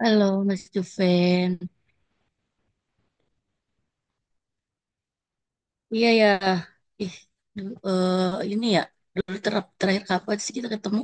Halo Mas Juven. Iya ya. Ih, du- eh, ini ya. Dulu terakhir kapan sih kita ketemu?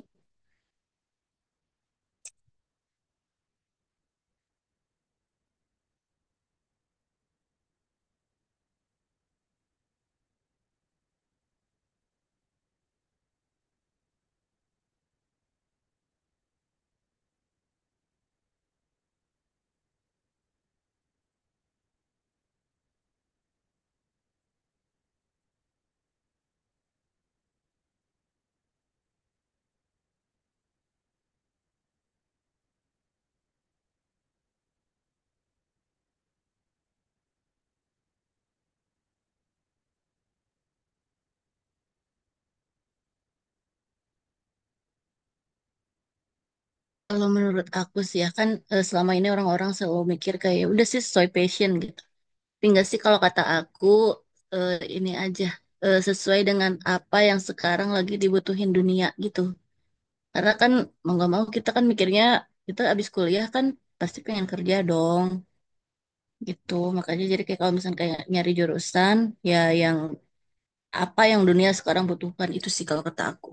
Kalau menurut aku sih, ya kan, selama ini orang-orang selalu mikir kayak udah sih sesuai passion gitu. Tapi enggak sih kalau kata aku, eh, ini aja, sesuai dengan apa yang sekarang lagi dibutuhin dunia gitu. Karena kan mau nggak mau kita kan mikirnya kita abis kuliah kan pasti pengen kerja dong gitu. Makanya jadi kayak kalau misalnya kayak nyari jurusan, ya yang apa yang dunia sekarang butuhkan itu sih kalau kata aku.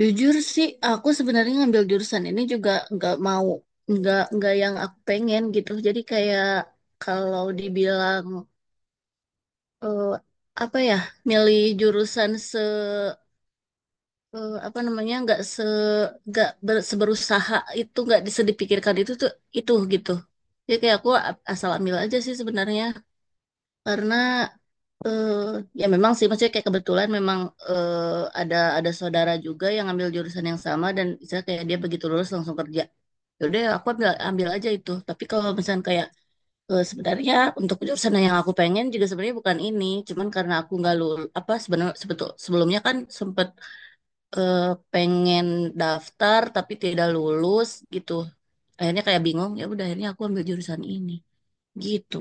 Jujur sih, aku sebenarnya ngambil jurusan ini juga nggak mau, nggak yang aku pengen gitu. Jadi kayak kalau dibilang, eh, apa ya, milih jurusan apa namanya nggak se nggak ber- seberusaha itu nggak bisa dipikirkan itu tuh itu gitu. Jadi kayak aku asal ambil aja sih sebenarnya karena Eh, ya memang sih maksudnya kayak kebetulan memang, ada saudara juga yang ambil jurusan yang sama dan misalnya kayak dia begitu lulus langsung kerja. Yaudah aku ambil ambil aja itu. Tapi kalau misalnya kayak, sebenarnya untuk jurusan yang aku pengen juga sebenarnya bukan ini, cuman karena aku nggak lulus apa sebenarnya sebelumnya kan sempet, eh, pengen daftar tapi tidak lulus gitu. Akhirnya kayak bingung, ya udah akhirnya aku ambil jurusan ini gitu.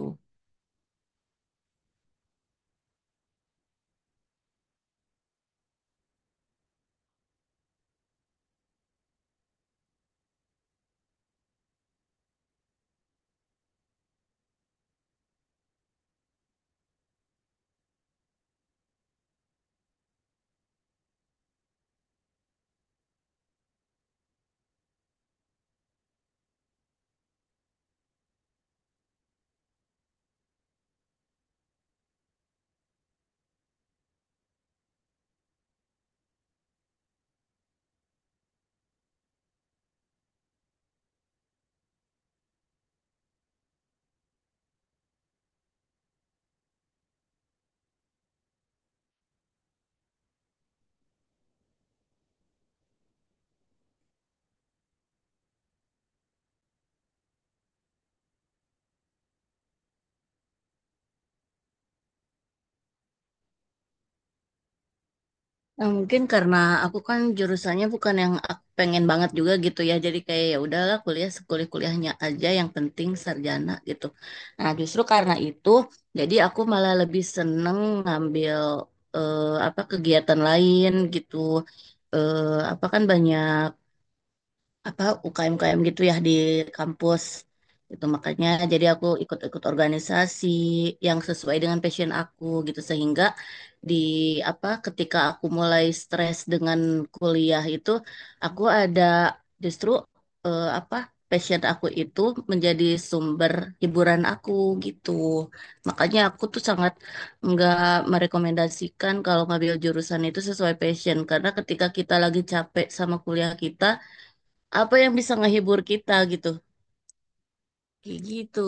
Nah, mungkin karena aku kan jurusannya bukan yang pengen banget juga gitu ya. Jadi kayak ya udahlah kuliah sekuliah-kuliahnya aja yang penting sarjana gitu. Nah, justru karena itu jadi aku malah lebih seneng ngambil, eh, apa, kegiatan lain gitu. Eh, apa, kan banyak apa UKM-UKM gitu ya di kampus. Itu makanya jadi aku ikut-ikut organisasi yang sesuai dengan passion aku gitu sehingga di apa ketika aku mulai stres dengan kuliah itu, aku ada justru, apa, passion aku itu menjadi sumber hiburan aku gitu. Makanya aku tuh sangat nggak merekomendasikan kalau ngambil jurusan itu sesuai passion, karena ketika kita lagi capek sama kuliah kita, apa yang bisa ngehibur kita gitu, kayak gitu.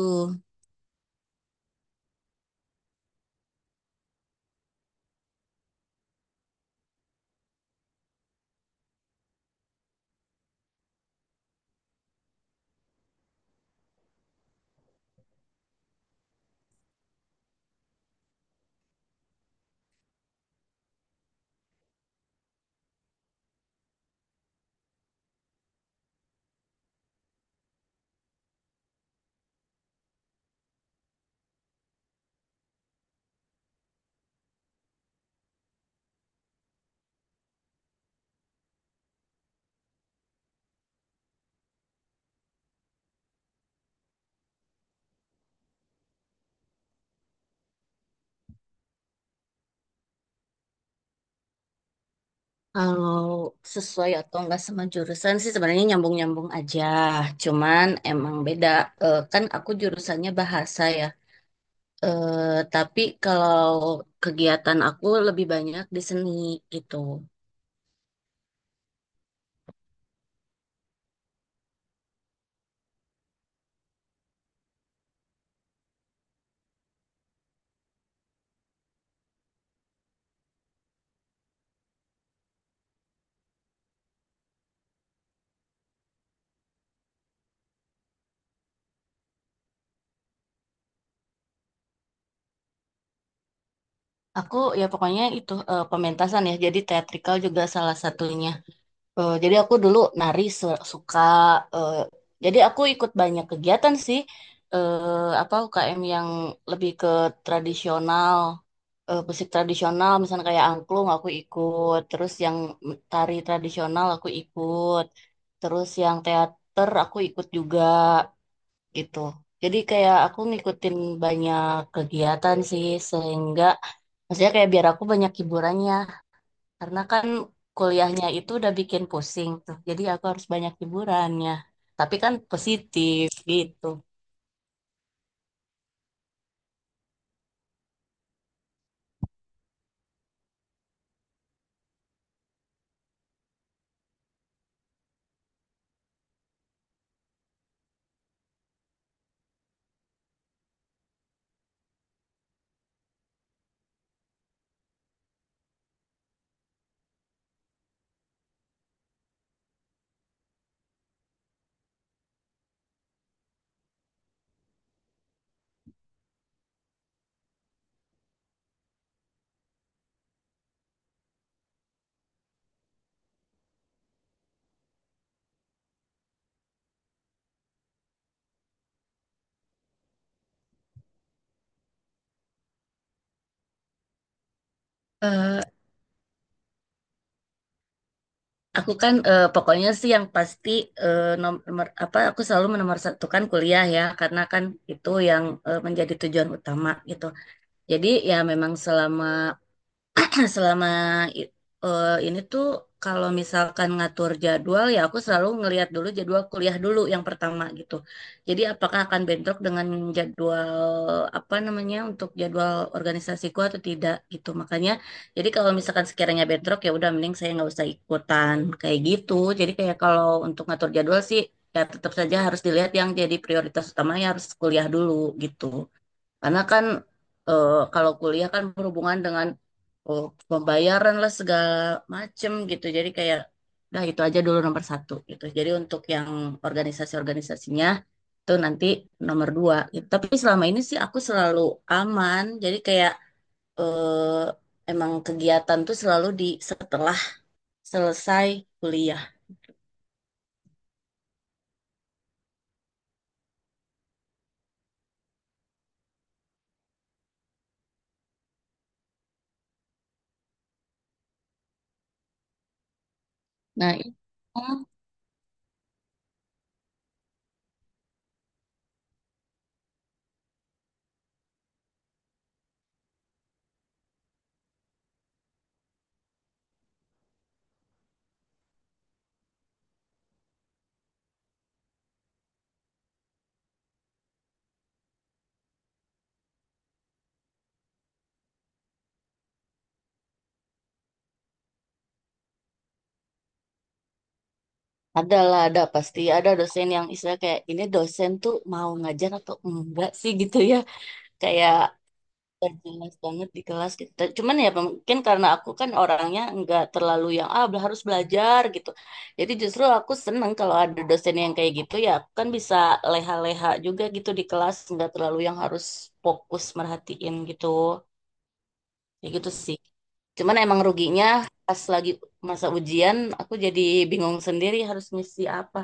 Kalau sesuai atau enggak sama jurusan sih sebenarnya nyambung-nyambung aja, cuman emang beda. Kan aku jurusannya bahasa ya. Tapi kalau kegiatan aku lebih banyak di seni gitu. Aku ya pokoknya itu, pementasan ya, jadi teatrikal juga salah satunya. Jadi aku dulu nari suka. eh, jadi aku ikut banyak kegiatan sih. eh apa UKM yang lebih ke tradisional, musik tradisional, misalnya kayak angklung aku ikut. Terus yang tari tradisional aku ikut. Terus yang teater aku ikut juga gitu. Jadi kayak aku ngikutin banyak kegiatan sih sehingga maksudnya kayak biar aku banyak hiburannya karena kan kuliahnya itu udah bikin pusing tuh. Jadi aku harus banyak hiburannya. Tapi kan positif gitu. Eh, aku kan, pokoknya sih yang pasti, nomor apa, aku selalu menomorsatukan kuliah ya karena kan itu yang, menjadi tujuan utama gitu. Jadi ya memang selama selama i- ini tuh kalau misalkan ngatur jadwal ya aku selalu ngelihat dulu jadwal kuliah dulu yang pertama gitu. Jadi apakah akan bentrok dengan jadwal apa namanya untuk jadwal organisasiku atau tidak gitu. Makanya jadi kalau misalkan sekiranya bentrok ya udah mending saya nggak usah ikutan kayak gitu. Jadi kayak kalau untuk ngatur jadwal sih ya tetap saja harus dilihat yang jadi prioritas utamanya harus kuliah dulu gitu. Karena kan, kalau kuliah kan berhubungan dengan, oh, pembayaran lah segala macem gitu. Jadi kayak udah itu aja dulu nomor satu gitu. Jadi untuk yang organisasi-organisasinya itu nanti nomor dua gitu. Tapi selama ini sih aku selalu aman. Jadi kayak, eh, emang kegiatan tuh selalu di setelah selesai kuliah. Nah, itu ada pasti ada dosen yang istilah kayak ini dosen tuh mau ngajar atau enggak sih gitu ya. Kayak gak jelas banget di kelas gitu. Cuman ya mungkin karena aku kan orangnya nggak terlalu yang harus belajar gitu. Jadi justru aku seneng kalau ada dosen yang kayak gitu, ya aku kan bisa leha-leha juga gitu di kelas, nggak terlalu yang harus fokus merhatiin gitu. Ya gitu sih. Cuman emang ruginya pas lagi masa ujian aku jadi bingung sendiri harus ngisi apa.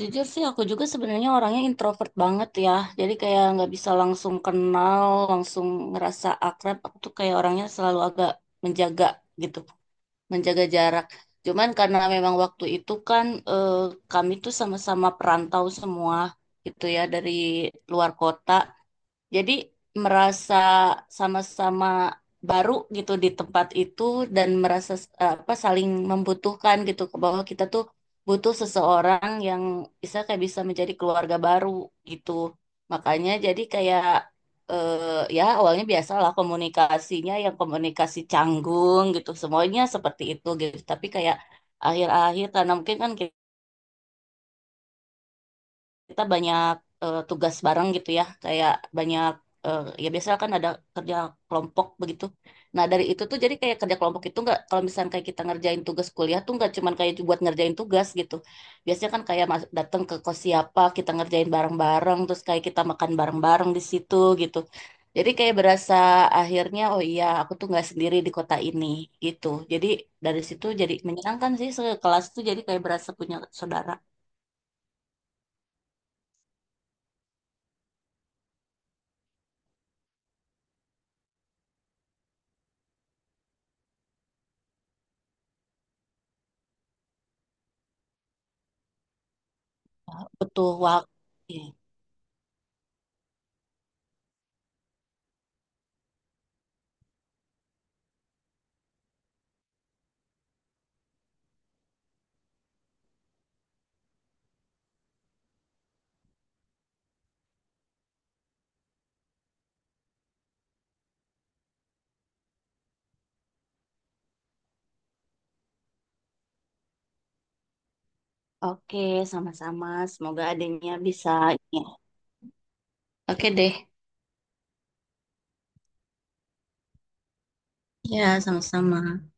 Jujur sih aku juga sebenarnya orangnya introvert banget ya. Jadi kayak nggak bisa langsung kenal, langsung ngerasa akrab. Aku tuh kayak orangnya selalu agak menjaga gitu, menjaga jarak. Cuman karena memang waktu itu kan, kami tuh sama-sama perantau semua gitu ya dari luar kota. Jadi merasa sama-sama baru gitu di tempat itu, dan merasa, apa, saling membutuhkan gitu, ke bahwa kita tuh butuh seseorang yang bisa menjadi keluarga baru gitu. Makanya jadi kayak, eh, ya awalnya biasalah komunikasinya, yang komunikasi canggung gitu. Semuanya seperti itu gitu. Tapi kayak akhir-akhir karena mungkin kan kita banyak, tugas bareng gitu, ya kayak banyak, ya biasanya kan ada kerja kelompok begitu, nah dari itu tuh jadi kayak kerja kelompok itu nggak, kalau misalnya kayak kita ngerjain tugas kuliah tuh nggak cuman kayak buat ngerjain tugas gitu, biasanya kan kayak datang ke kos siapa, kita ngerjain bareng-bareng, terus kayak kita makan bareng-bareng di situ gitu. Jadi kayak berasa akhirnya, oh iya, aku tuh nggak sendiri di kota ini gitu. Jadi dari situ jadi menyenangkan sih, sekelas tuh jadi kayak berasa punya saudara. Butuh waktu. Oke, sama-sama. Semoga adanya bisa. Ya. Oke deh. Ya, sama-sama.